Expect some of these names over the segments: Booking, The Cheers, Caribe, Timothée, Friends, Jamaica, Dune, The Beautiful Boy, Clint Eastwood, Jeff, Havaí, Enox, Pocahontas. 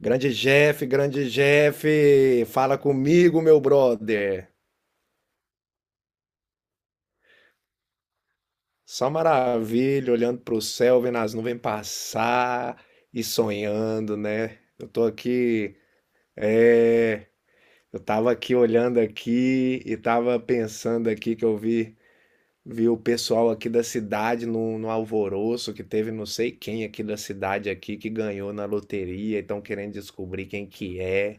Grande Jeff, fala comigo, meu brother. Só maravilha, olhando pro céu, vendo as nuvens passar e sonhando, né? É, eu tava aqui olhando aqui e tava pensando aqui que eu vi o pessoal aqui da cidade no alvoroço que teve não sei quem aqui da cidade aqui que ganhou na loteria e estão querendo descobrir quem que é.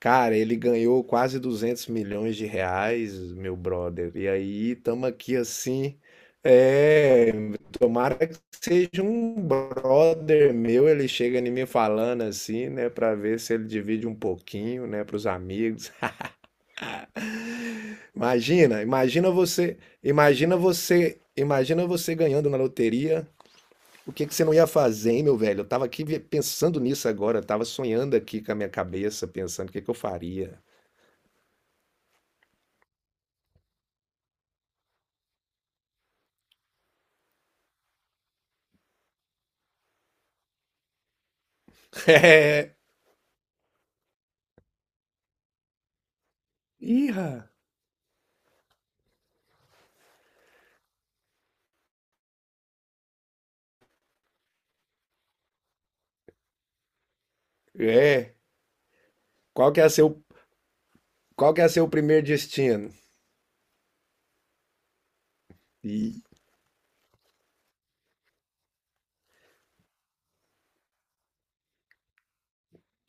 Cara, ele ganhou quase 200 milhões de reais, meu brother. E aí, estamos aqui assim. É, tomara que seja um brother meu. Ele chega em mim falando assim, né, pra ver se ele divide um pouquinho, né, para os amigos. Imagina, imagina você, imagina você, imagina você ganhando na loteria. O que que você não ia fazer, hein, meu velho? Eu tava aqui pensando nisso agora, eu tava sonhando aqui com a minha cabeça, pensando o que que eu faria. É. Ih, é, qual que é seu, qual que é seu primeiro destino? E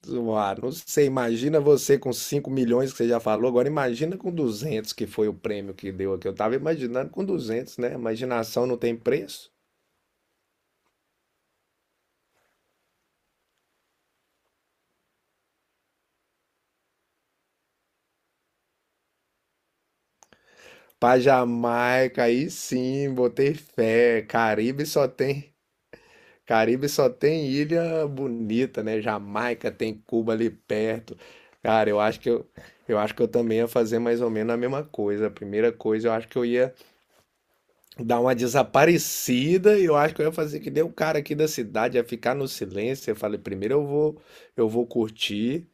zoar, não sei, imagina você com 5 milhões que você já falou, agora imagina com 200 que foi o prêmio que deu aqui. Eu tava imaginando com 200, né? Imaginação não tem preço. Pra Jamaica, aí sim, botei fé. Caribe só tem ilha bonita, né? Jamaica tem Cuba ali perto. Cara, eu acho que eu também ia fazer mais ou menos a mesma coisa. A primeira coisa, eu acho que eu ia dar uma desaparecida, e eu acho que eu ia fazer que nem o cara aqui da cidade, ia ficar no silêncio. Eu falei, primeiro eu vou curtir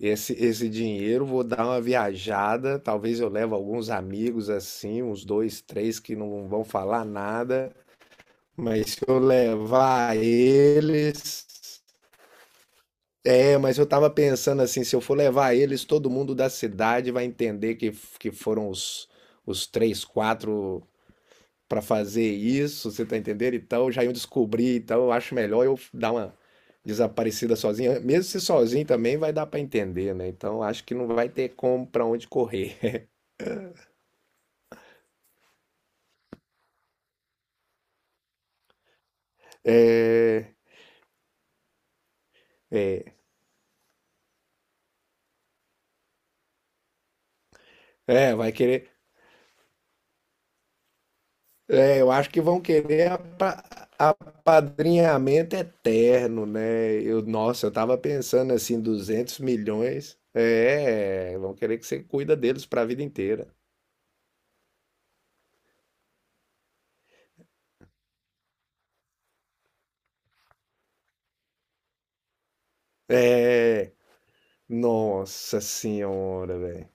esse dinheiro, vou dar uma viajada. Talvez eu leve alguns amigos assim, uns dois, três que não vão falar nada. Mas se eu levar eles. É, mas eu tava pensando assim, se eu for levar eles, todo mundo da cidade vai entender que foram os três, quatro para fazer isso, você tá entendendo? Então já iam descobrir, então eu acho melhor eu dar uma desaparecida sozinha. Mesmo se sozinho também vai dar para entender, né? Então acho que não vai ter como para onde correr. É, vai querer. É, eu acho que vão querer apadrinhamento eterno, né? Eu, nossa, eu tava pensando assim, 200 milhões. É, vão querer que você cuida deles para a vida inteira. É, nossa senhora, velho.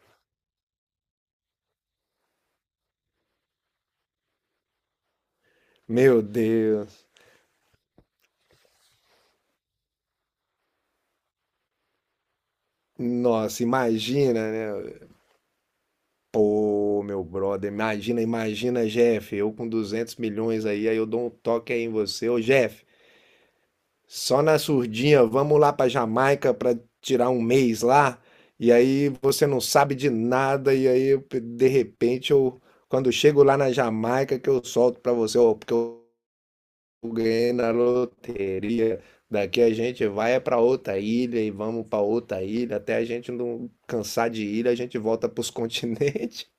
Meu Deus. Nossa, imagina, né? Ô, meu brother, imagina, imagina, Jeff, eu com 200 milhões aí, aí eu dou um toque aí em você. Ô, Jeff, só na surdinha, vamos lá pra Jamaica pra tirar um mês lá. E aí você não sabe de nada, e aí eu, de repente eu, quando eu chego lá na Jamaica, que eu solto pra você, ó, porque eu ganhei na loteria. Daqui a gente vai é pra outra ilha e vamos pra outra ilha, até a gente não cansar de ilha, a gente volta pros continentes.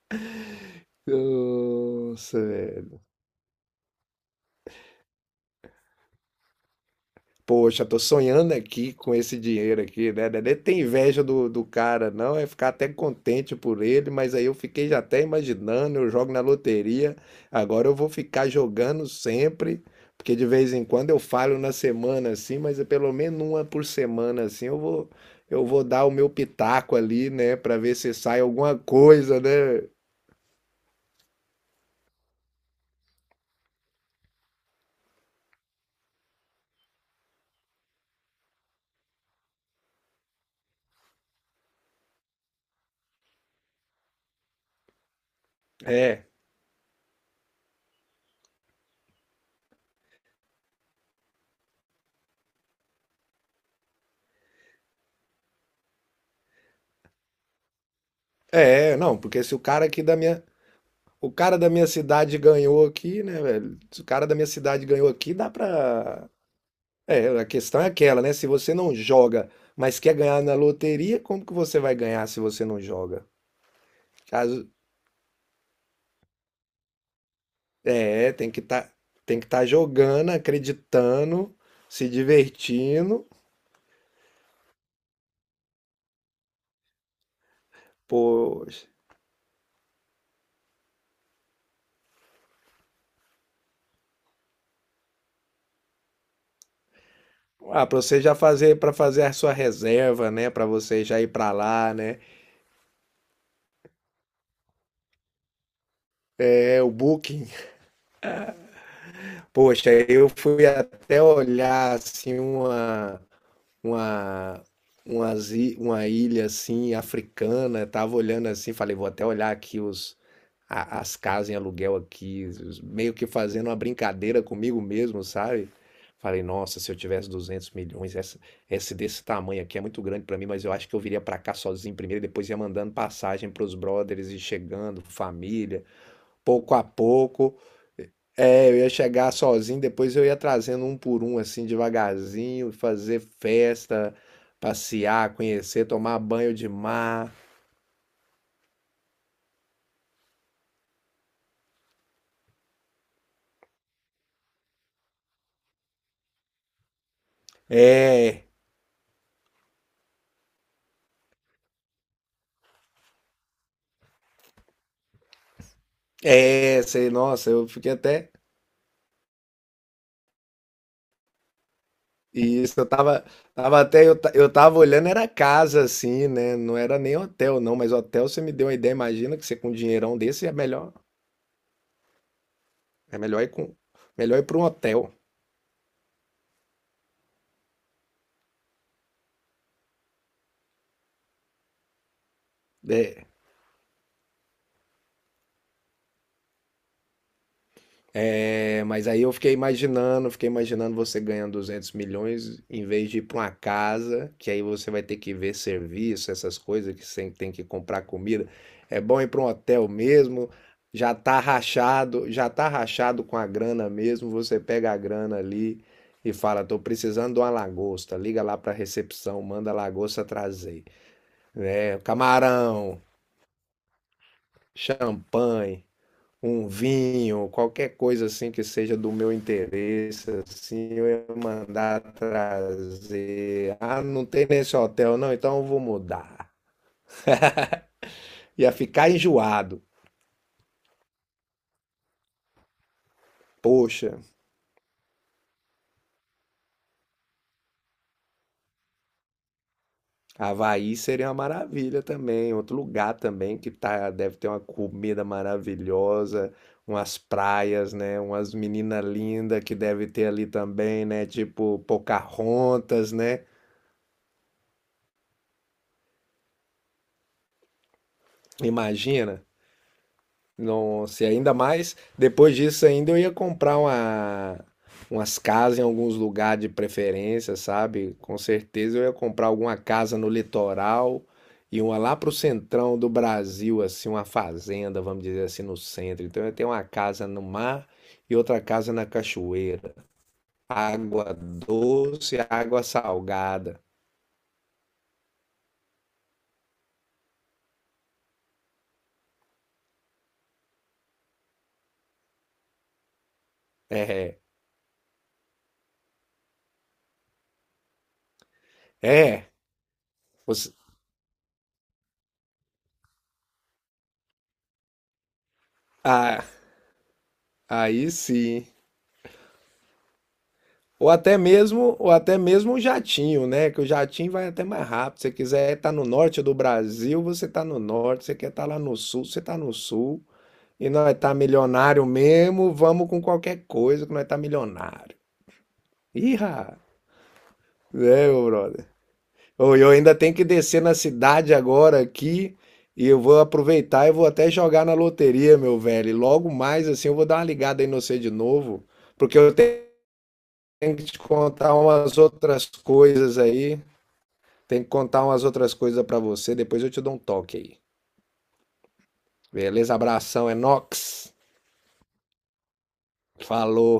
Nossa, velho. Poxa, tô sonhando aqui com esse dinheiro aqui, né? Não tem inveja do cara, não. É ficar até contente por ele, mas aí eu fiquei já até imaginando, eu jogo na loteria, agora eu vou ficar jogando sempre, porque de vez em quando eu falho na semana assim, mas é pelo menos uma por semana assim, eu vou dar o meu pitaco ali, né? Pra ver se sai alguma coisa, né? É. É, não, porque se o cara aqui da minha. O cara da minha cidade ganhou aqui, né, velho? Se o cara da minha cidade ganhou aqui, dá pra. É, a questão é aquela, né? Se você não joga, mas quer ganhar na loteria, como que você vai ganhar se você não joga? Caso, é, tem que estar jogando, acreditando, se divertindo. Poxa. Ah, pra você já fazer, pra fazer a sua reserva, né? Pra você já ir pra lá, né? É o Booking. Poxa, eu fui até olhar assim uma uma, uma ilha assim africana, tava olhando assim, falei, vou até olhar aqui os as casas em aluguel aqui, meio que fazendo uma brincadeira comigo mesmo, sabe? Falei, nossa, se eu tivesse 200 milhões, esse desse tamanho aqui é muito grande pra mim, mas eu acho que eu viria pra cá sozinho primeiro, e depois ia mandando passagem pros brothers e chegando, família, pouco a pouco. É, eu ia chegar sozinho, depois eu ia trazendo um por um, assim, devagarzinho, fazer festa, passear, conhecer, tomar banho de mar. É, é, sei, nossa, eu fiquei até. E isso, eu tava, tava até, eu, ta- eu tava olhando, era casa, assim, né? Não era nem hotel, não, mas hotel você me deu uma ideia. Imagina que você com um dinheirão desse é melhor, é melhor ir com, melhor ir pra um hotel. É. É, mas aí eu fiquei imaginando você ganhando 200 milhões em vez de ir para uma casa, que aí você vai ter que ver serviço, essas coisas que você tem que comprar comida. É bom ir para um hotel mesmo, já tá rachado com a grana mesmo, você pega a grana ali e fala, tô precisando de uma lagosta, liga lá para a recepção, manda a lagosta trazer, né? Camarão, champanhe, um vinho, qualquer coisa assim que seja do meu interesse, assim, eu ia mandar trazer. Ah, não tem nesse hotel, não, então eu vou mudar. Ia ficar enjoado. Poxa, Havaí seria uma maravilha também, outro lugar também que tá, deve ter uma comida maravilhosa, umas praias, né? Umas meninas lindas que deve ter ali também, né? Tipo Pocahontas, né? Imagina. Nossa, e ainda mais, depois disso ainda eu ia comprar umas casas em alguns lugares de preferência, sabe? Com certeza eu ia comprar alguma casa no litoral e uma lá pro centrão do Brasil, assim, uma fazenda, vamos dizer assim, no centro. Então eu ia ter uma casa no mar e outra casa na cachoeira. Água doce, água salgada. É, é. você- ah, aí sim. Ou até mesmo um jatinho, né? Que o jatinho vai até mais rápido. Se você quiser estar no norte do Brasil, você está no norte. Se você quer estar lá no sul, você está no sul. E nós tá milionário mesmo, vamos com qualquer coisa que nós tá milionário. Irra! É, meu brother. Ô, eu ainda tenho que descer na cidade agora aqui e eu vou aproveitar e vou até jogar na loteria, meu velho. E logo mais assim eu vou dar uma ligada aí no você de novo, porque eu tenho que te contar umas outras coisas aí. Tem que contar umas outras coisas pra você, depois eu te dou um toque aí. Beleza? Abração, Enox. Falou.